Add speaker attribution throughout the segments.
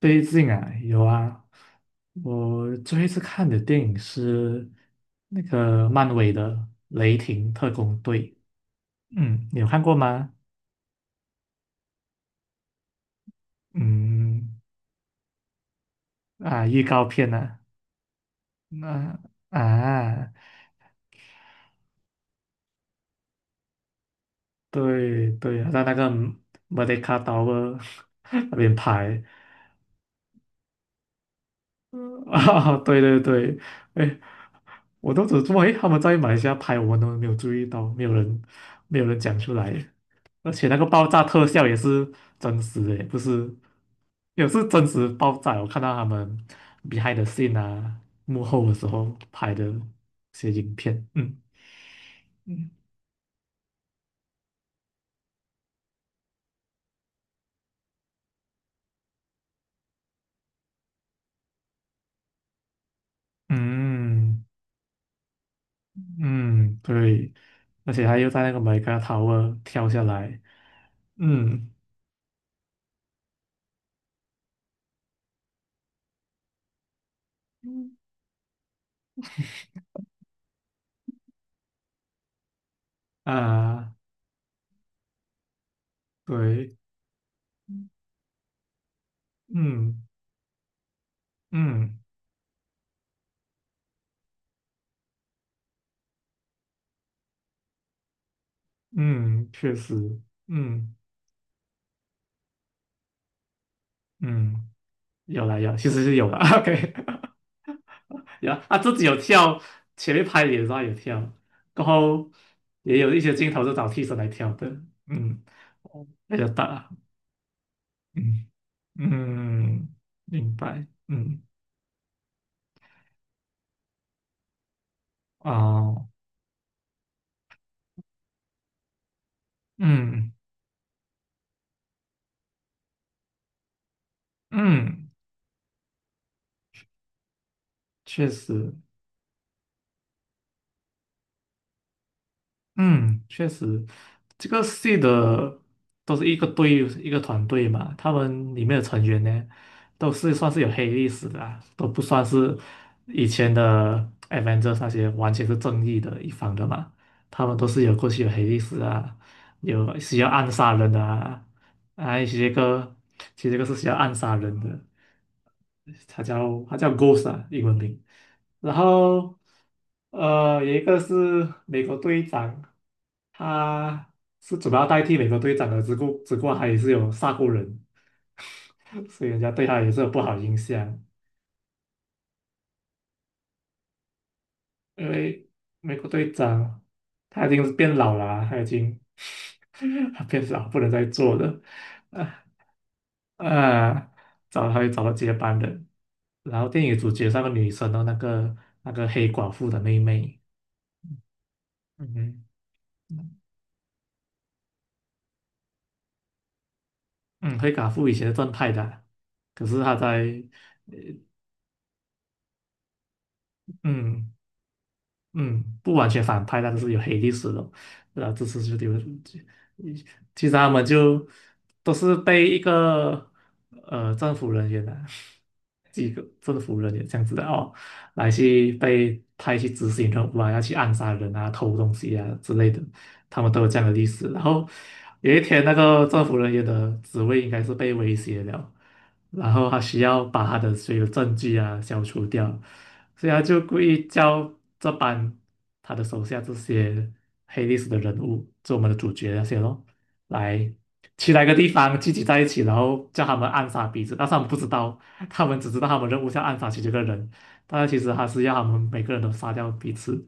Speaker 1: 最近啊，有啊，我最后一次看的电影是那个漫威的《雷霆特工队》，嗯，你有看过吗？嗯，啊，预告片啊，那啊，对对，在那个 Merdeka Tower 那边拍啊，对对对。哎，我都只注意他们在马来西亚拍，我们都没有注意到，没有人讲出来，而且那个爆炸特效也是真实的，不是，也是真实爆炸。我看到他们 behind the scene 啊，幕后的时候拍的一些影片。嗯嗯，嗯嗯，对，而且他又在那个 Mega Tower 跳下来。嗯嗯啊，对。嗯嗯嗯，确实。嗯嗯，有了有，其实是有了 ，OK。有啊，他自己有跳，前面拍脸的时候他有跳，然后也有一些镜头是找替身来跳的。嗯，比较大。嗯嗯，明白。嗯，哦。嗯嗯，确实。嗯，确实，这个系的都是一个队一个团队嘛，他们里面的成员呢，都是算是有黑历史的啊，都不算是以前的 Avengers 那些完全是正义的一方的嘛，他们都是有过去有黑历史啊，有需要暗杀人的啊。啊，其实这个是需要暗杀人的，他叫 Ghost 啊，英文名。然后有一个是美国队长。他是主要代替美国队长的，只不过他也是有杀过人，所以人家对他也是有不好印象。因为美国队长他已经是变老了啊他已经 他变老不能再做了。啊啊，找他会找到接班人。然后电影主角是那个女生的那个黑寡妇的妹妹。嗯哼，嗯，黑寡妇以前是正派的啊可是她在。嗯。嗯，不完全反派，但是有黑历史的，然后这次就有。其实他们就都是被一个政府人员啊，几个政府人员这样子的哦，来去被派去执行任务啊，要去暗杀人啊、偷东西啊之类的，他们都有这样的历史。然后有一天，那个政府人员的职位应该是被威胁了，然后他需要把他的所有证据啊消除掉，所以他就故意叫这班他的手下这些黑历史的人物，就我们的主角那些咯，来去那个地方聚集在一起，然后叫他们暗杀彼此，但是他们不知道，他们只知道他们任务是要暗杀其中一个人，但是其实他是要他们每个人都杀掉彼此。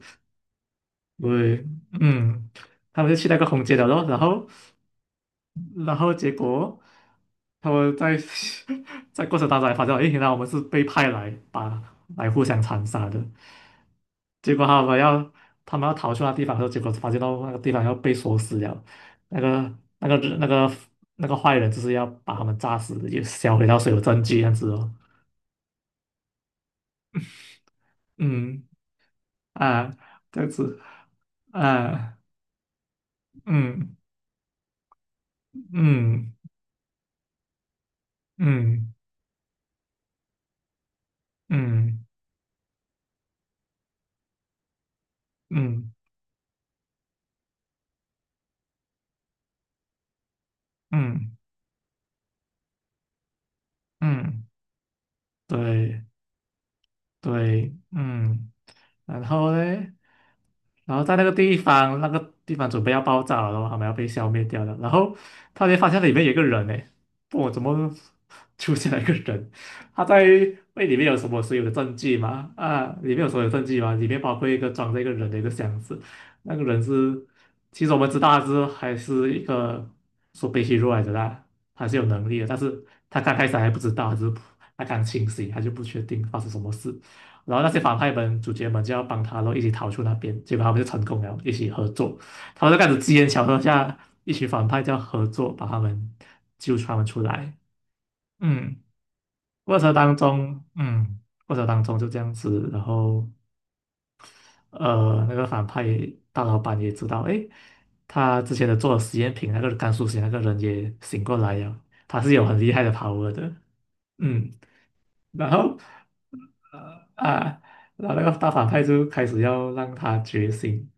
Speaker 1: 对，嗯，他们就去那个空间了咯，然后。然后结果他们在 在过程当中还发现，诶，原来我们是被派来把来互相残杀的。结果他们要逃去那地方的时候，结果发现到那个地方要被锁死了，那个那个那个那个坏人就是要把他们炸死，也销毁到所有证据这样子哦。嗯，啊，这样子啊。嗯嗯嗯嗯嗯嗯嗯，对对。嗯，然后嘞。然后在那个地方，那个地方准备要爆炸了，然后他们要被消灭掉了。然后突然间发现里面有一个人呢，不，我怎么出现了一个人？他在为里面有什么所有的证据吗？啊，里面有所有证据吗？里面包括一个装着一个人的一个箱子，那个人是，其实我们知道他是还是一个说被吸入来的啦，他是有能力的，但是他刚开始还不知道，他只是他刚清醒，他就不确定发生什么事。然后那些反派们、主角们就要帮他咯，然后一起逃出那边。结果他们就成功了，一起合作。他们就开始机缘巧合下，一群反派就要合作，把他们救出他们出来。嗯，过程当中，嗯，过程当中就这样子。然后那个反派大老板也知道，诶，他之前的做的实验品那个甘肃实验那个人也醒过来了，他是有很厉害的 power 的。嗯，然后。啊，然后那个大反派就开始要让他觉醒，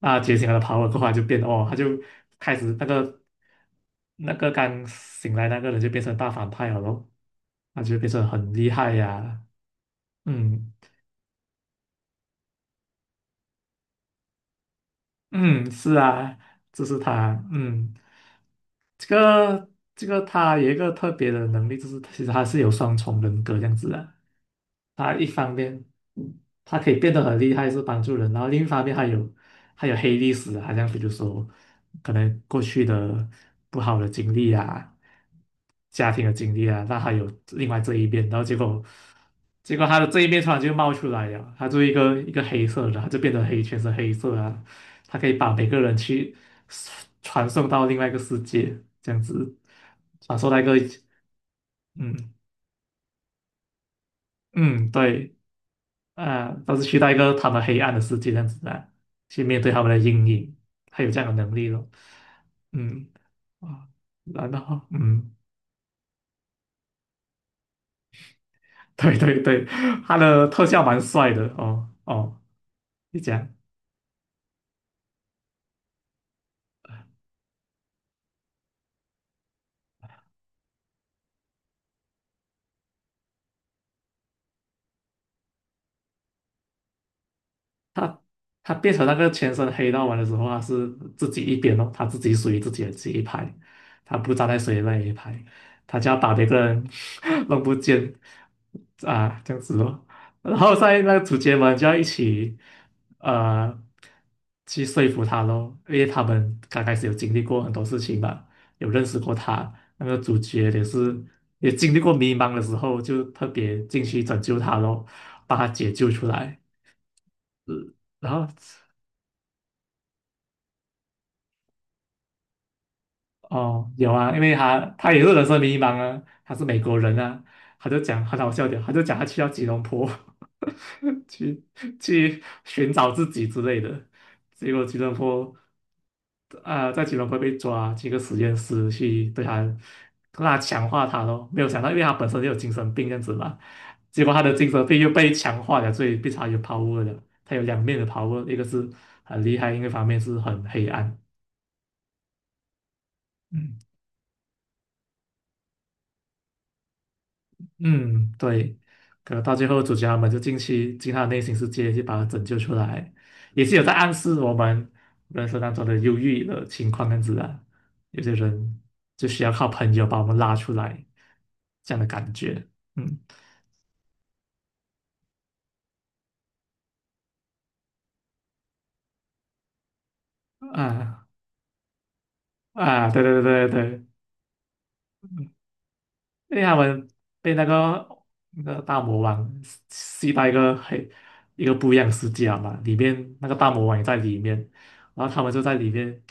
Speaker 1: 那觉醒了的 power 的话就变哦，他就开始那个那个刚醒来那个人就变成大反派了咯，那就变成很厉害呀。嗯嗯，是啊，这是他，嗯，这个这个他有一个特别的能力，就是其实他是有双重人格这样子的，他一方面他可以变得很厉害，是帮助人，然后另一方面还有还有黑历史啊，好像比如说可能过去的不好的经历啊，家庭的经历啊，那还有另外这一面，然后结果他的这一面突然就冒出来了，他就一个一个黑色的，他就变得黑，全是黑色啊，他可以把每个人去传送到另外一个世界，这样子传送到一个。嗯嗯，对。啊，都是去到一个他们黑暗的世界这样子啊，去面对他们的阴影，他有这样的能力咯。嗯，啊，然后嗯，对对对，他的特效蛮帅的哦哦。你讲。他变成那个全身黑道玩的时候，他是自己一边哦，他自己属于自己的这一派，他不站在谁那一派，他就要把别个人 弄不见啊，这样子咯。然后在那个主角们就要一起呃去说服他咯，因为他们刚开始有经历过很多事情嘛，有认识过他，那个主角也是也经历过迷茫的时候，就特别进去拯救他咯，把他解救出来。然后哦，有啊，因为他他也是人生迷茫啊，他是美国人啊，他就讲很好笑的，他就讲他去到吉隆坡 去去寻找自己之类的，结果吉隆坡啊、在吉隆坡被抓，去一个实验室去对他让他强化他咯，没有想到，因为他本身就有精神病这样子嘛，结果他的精神病又被强化了，所以变成他有 power 了，他有两面的 power,一个是很厉害，另一个方面是很黑暗。嗯。嗯，对，可能到最后主角他们就进去进他的内心世界，去把他拯救出来，也是有在暗示我们人生当中的忧郁的情况这样子啊。有些人就需要靠朋友把我们拉出来，这样的感觉。嗯，啊啊，对对对对对，因为他们被那个那个大魔王吸到一个黑一个不一样的世界了嘛，里面那个大魔王也在里面，然后他们就在里面。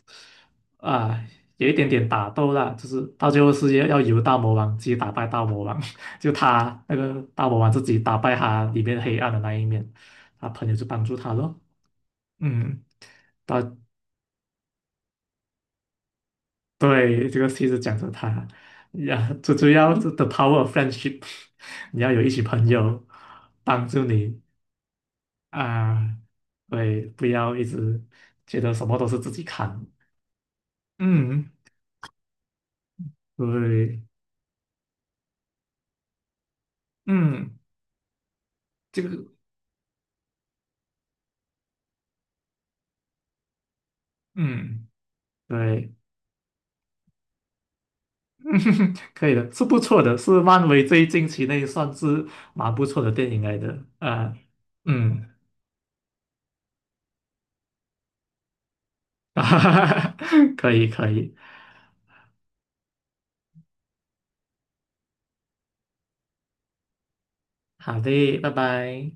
Speaker 1: 啊，有一点点打斗啦，就是到最后是要由大魔王自己打败大魔王，就他那个大魔王自己打败他里面黑暗的那一面，他朋友就帮助他咯。嗯，到对这个戏是讲着他呀，最主要是 the power f friendship,你要有一群朋友帮助你啊。对，不要一直觉得什么都是自己扛。嗯对。嗯，这个嗯对。嗯，可以的，是不错的，是漫威最近期内算是蛮不错的电影来的。啊、嗯，可以可以。好的，拜拜。